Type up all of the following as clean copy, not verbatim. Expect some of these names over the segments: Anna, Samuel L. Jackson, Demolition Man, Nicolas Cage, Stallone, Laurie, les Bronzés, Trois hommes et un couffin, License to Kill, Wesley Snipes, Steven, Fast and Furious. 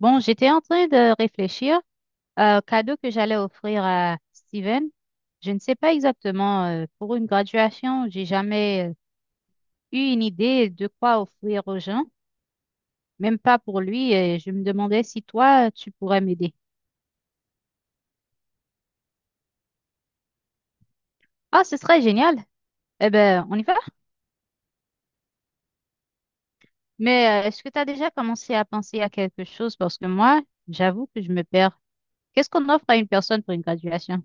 Bon, j'étais en train de réfléchir au cadeau que j'allais offrir à Steven. Je ne sais pas exactement, pour une graduation, j'ai jamais eu une idée de quoi offrir aux gens, même pas pour lui. Et je me demandais si toi, tu pourrais m'aider. Ah, ce serait génial. Eh ben, on y va. Mais est-ce que tu as déjà commencé à penser à quelque chose? Parce que moi, j'avoue que je me perds. Qu'est-ce qu'on offre à une personne pour une graduation?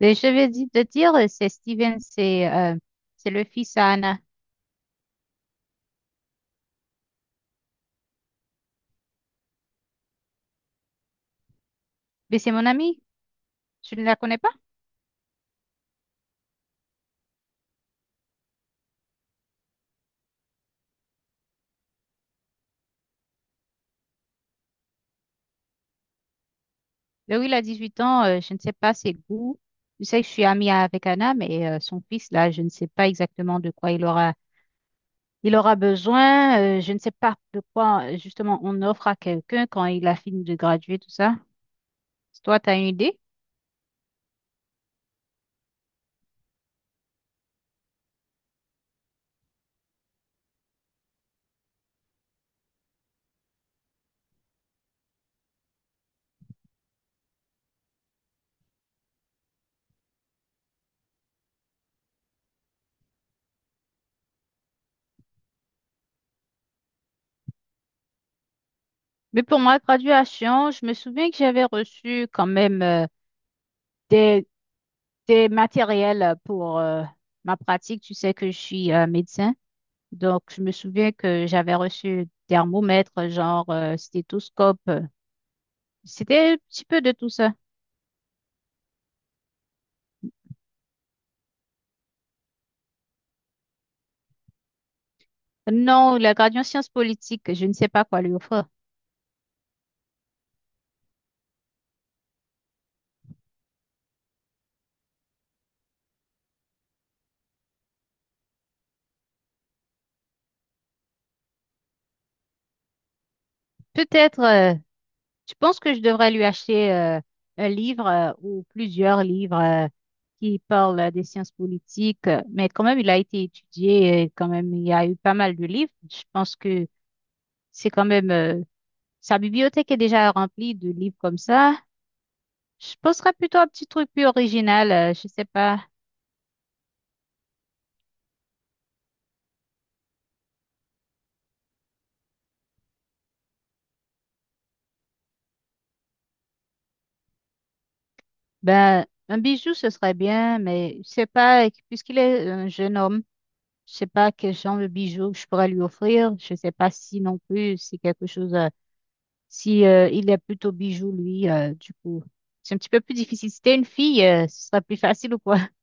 Et je vais te dire, c'est Steven, c'est le fils à Anna. Mais c'est mon ami. Tu ne la connais pas? Laurie, il a 8 ans, je ne sais pas ses goûts. Je sais que je suis amie avec Anna, mais son fils, là, je ne sais pas exactement de quoi il aura besoin. Je ne sais pas de quoi, justement, on offre à quelqu'un quand il a fini de graduer, tout ça. Toi, tu as une idée? Mais pour ma graduation, je me souviens que j'avais reçu quand même, des, des matériels pour ma pratique. Tu sais que je suis médecin. Donc, je me souviens que j'avais reçu thermomètre, genre stéthoscope. C'était un petit peu de tout ça. Non, la gradient sciences politiques, je ne sais pas quoi lui offrir. Peut-être, je pense que je devrais lui acheter un livre ou plusieurs livres qui parlent des sciences politiques, mais quand même, il a été étudié, et quand même, il y a eu pas mal de livres. Je pense que c'est quand même, sa bibliothèque est déjà remplie de livres comme ça. Je penserais plutôt à un petit truc plus original, je sais pas. Ben, un bijou, ce serait bien, mais je sais pas, puisqu'il est un jeune homme, je sais pas quel genre de bijou je pourrais lui offrir. Je sais pas si non plus c'est quelque chose. Si il est plutôt bijou, lui, du coup, c'est un petit peu plus difficile. Si t'es une fille, ce sera plus facile ou quoi?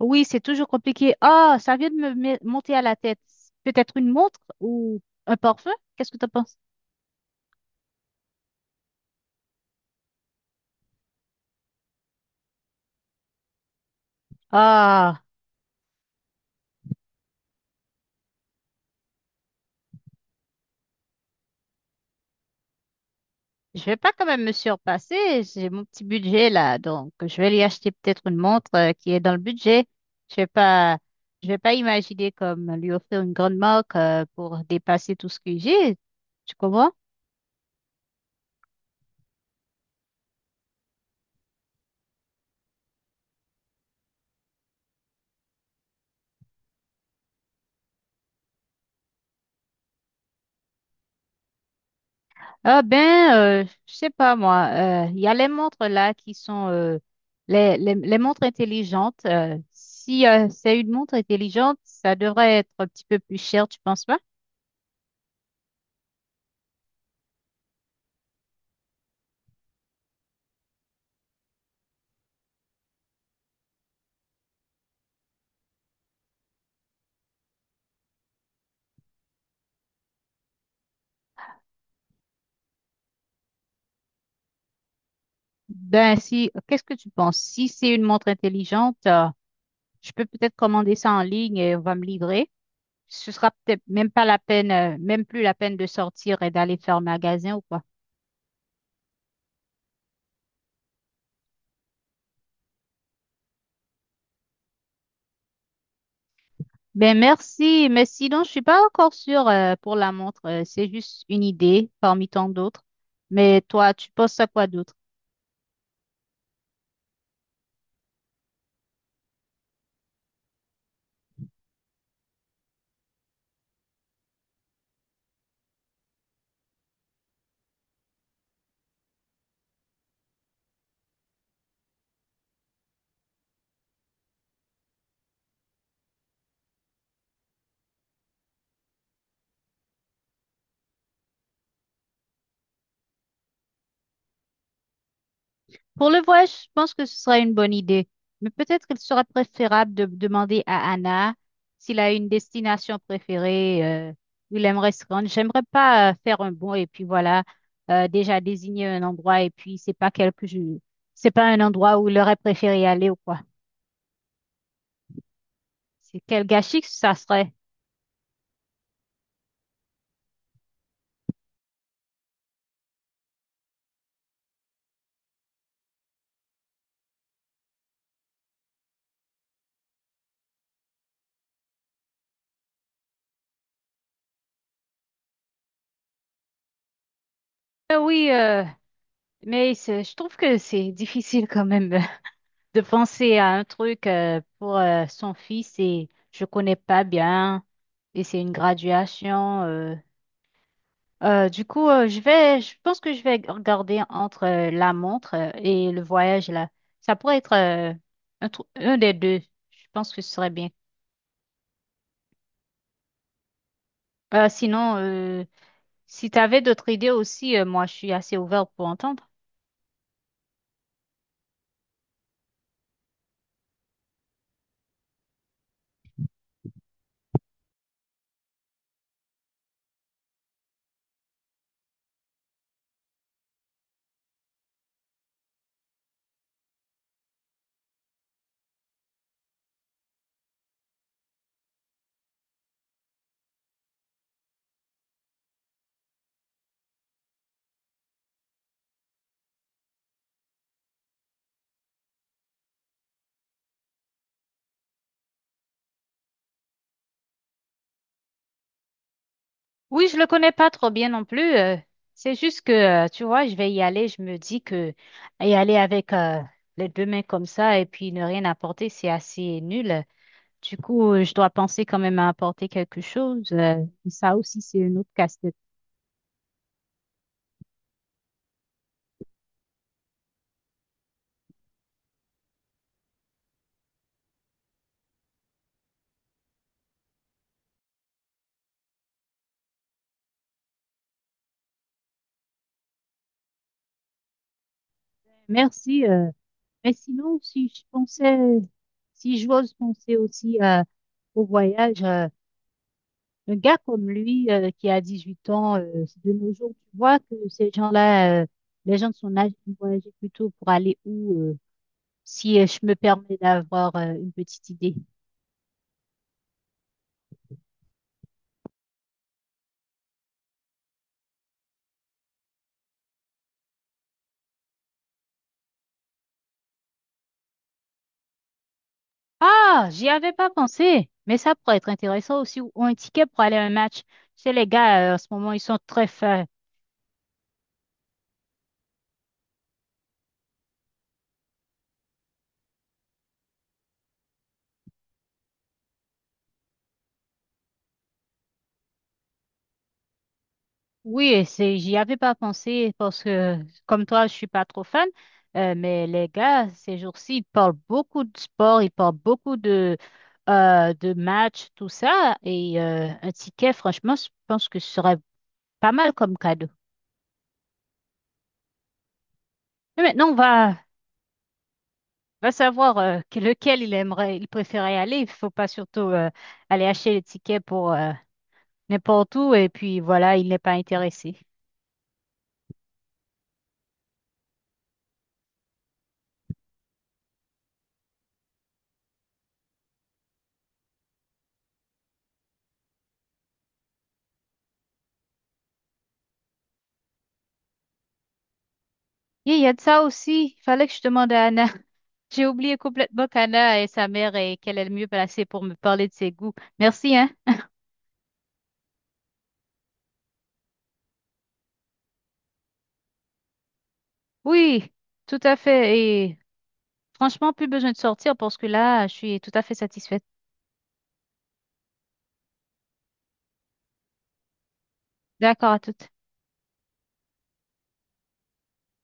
Oui, c'est toujours compliqué. Ah, ça vient de monter à la tête. Peut-être une montre ou un parfum? Qu'est-ce que t'en penses? Ah. Je vais pas quand même me surpasser. J'ai mon petit budget là, donc je vais lui acheter peut-être une montre qui est dans le budget. Je vais pas, je vais pas imaginer comme lui offrir une grande marque pour dépasser tout ce que j'ai. Tu comprends? Ah ben, je sais pas moi. Il y a les montres là qui sont les montres intelligentes. Si c'est une montre intelligente, ça devrait être un petit peu plus cher, tu penses pas? Ben si, qu'est-ce que tu penses? Si c'est une montre intelligente, je peux peut-être commander ça en ligne et on va me livrer. Ce sera peut-être même pas la peine, même plus la peine de sortir et d'aller faire magasin ou quoi. Ben merci, mais sinon je suis pas encore sûre pour la montre. C'est juste une idée parmi tant d'autres. Mais toi, tu penses à quoi d'autre? Pour le voyage, je pense que ce sera une bonne idée. Mais peut-être qu'il sera préférable de demander à Anna s'il a une destination préférée, euh, où il aimerait se rendre. J'aimerais pas faire un bond et puis voilà, déjà désigner un endroit et puis c'est pas c'est pas un endroit où il aurait préféré aller ou quoi. C'est quel gâchis que ça serait? Oui, mais je trouve que c'est difficile quand même, de penser à un truc pour son fils et je connais pas bien et c'est une graduation. Du coup, je pense que je vais regarder entre la montre et le voyage là. Ça pourrait être un des deux. Je pense que ce serait bien. Sinon, si tu avais d'autres idées aussi, moi, je suis assez ouverte pour entendre. Oui, je le connais pas trop bien non plus. C'est juste que, tu vois, je vais y aller. Je me dis que y aller avec les deux mains comme ça et puis ne rien apporter, c'est assez nul. Du coup, je dois penser quand même à apporter quelque chose. Ça aussi, c'est une autre casse-tête. Merci. Mais sinon, si je pensais, si j'ose penser aussi au voyage, un gars comme lui, qui a 18 ans, de nos jours, tu vois que ces gens-là, les gens de son âge, ils vont agir plutôt pour aller où, si je me permets d'avoir une petite idée. Ah, j'y avais pas pensé, mais ça pourrait être intéressant aussi, ou un ticket pour aller à un match. Tu sais, les gars, en ce moment, ils sont très forts. Oui, c'est, j'y avais pas pensé parce que, comme toi, je suis pas trop fan, mais les gars, ces jours-ci, ils parlent beaucoup de sport, ils parlent beaucoup de matchs, tout ça, et un ticket, franchement, je pense que ce serait pas mal comme cadeau. Mais maintenant, va savoir lequel il aimerait, il préférait aller. Il faut pas surtout aller acheter les tickets pour n'importe où et puis voilà, il n'est pas intéressé. Et il y a de ça aussi. Il fallait que je demande à Anna. J'ai oublié complètement qu'Anna est sa mère et qu'elle est le mieux placée pour me parler de ses goûts. Merci, hein? Oui, tout à fait. Et franchement, plus besoin de sortir parce que là, je suis tout à fait satisfaite. D'accord à toutes.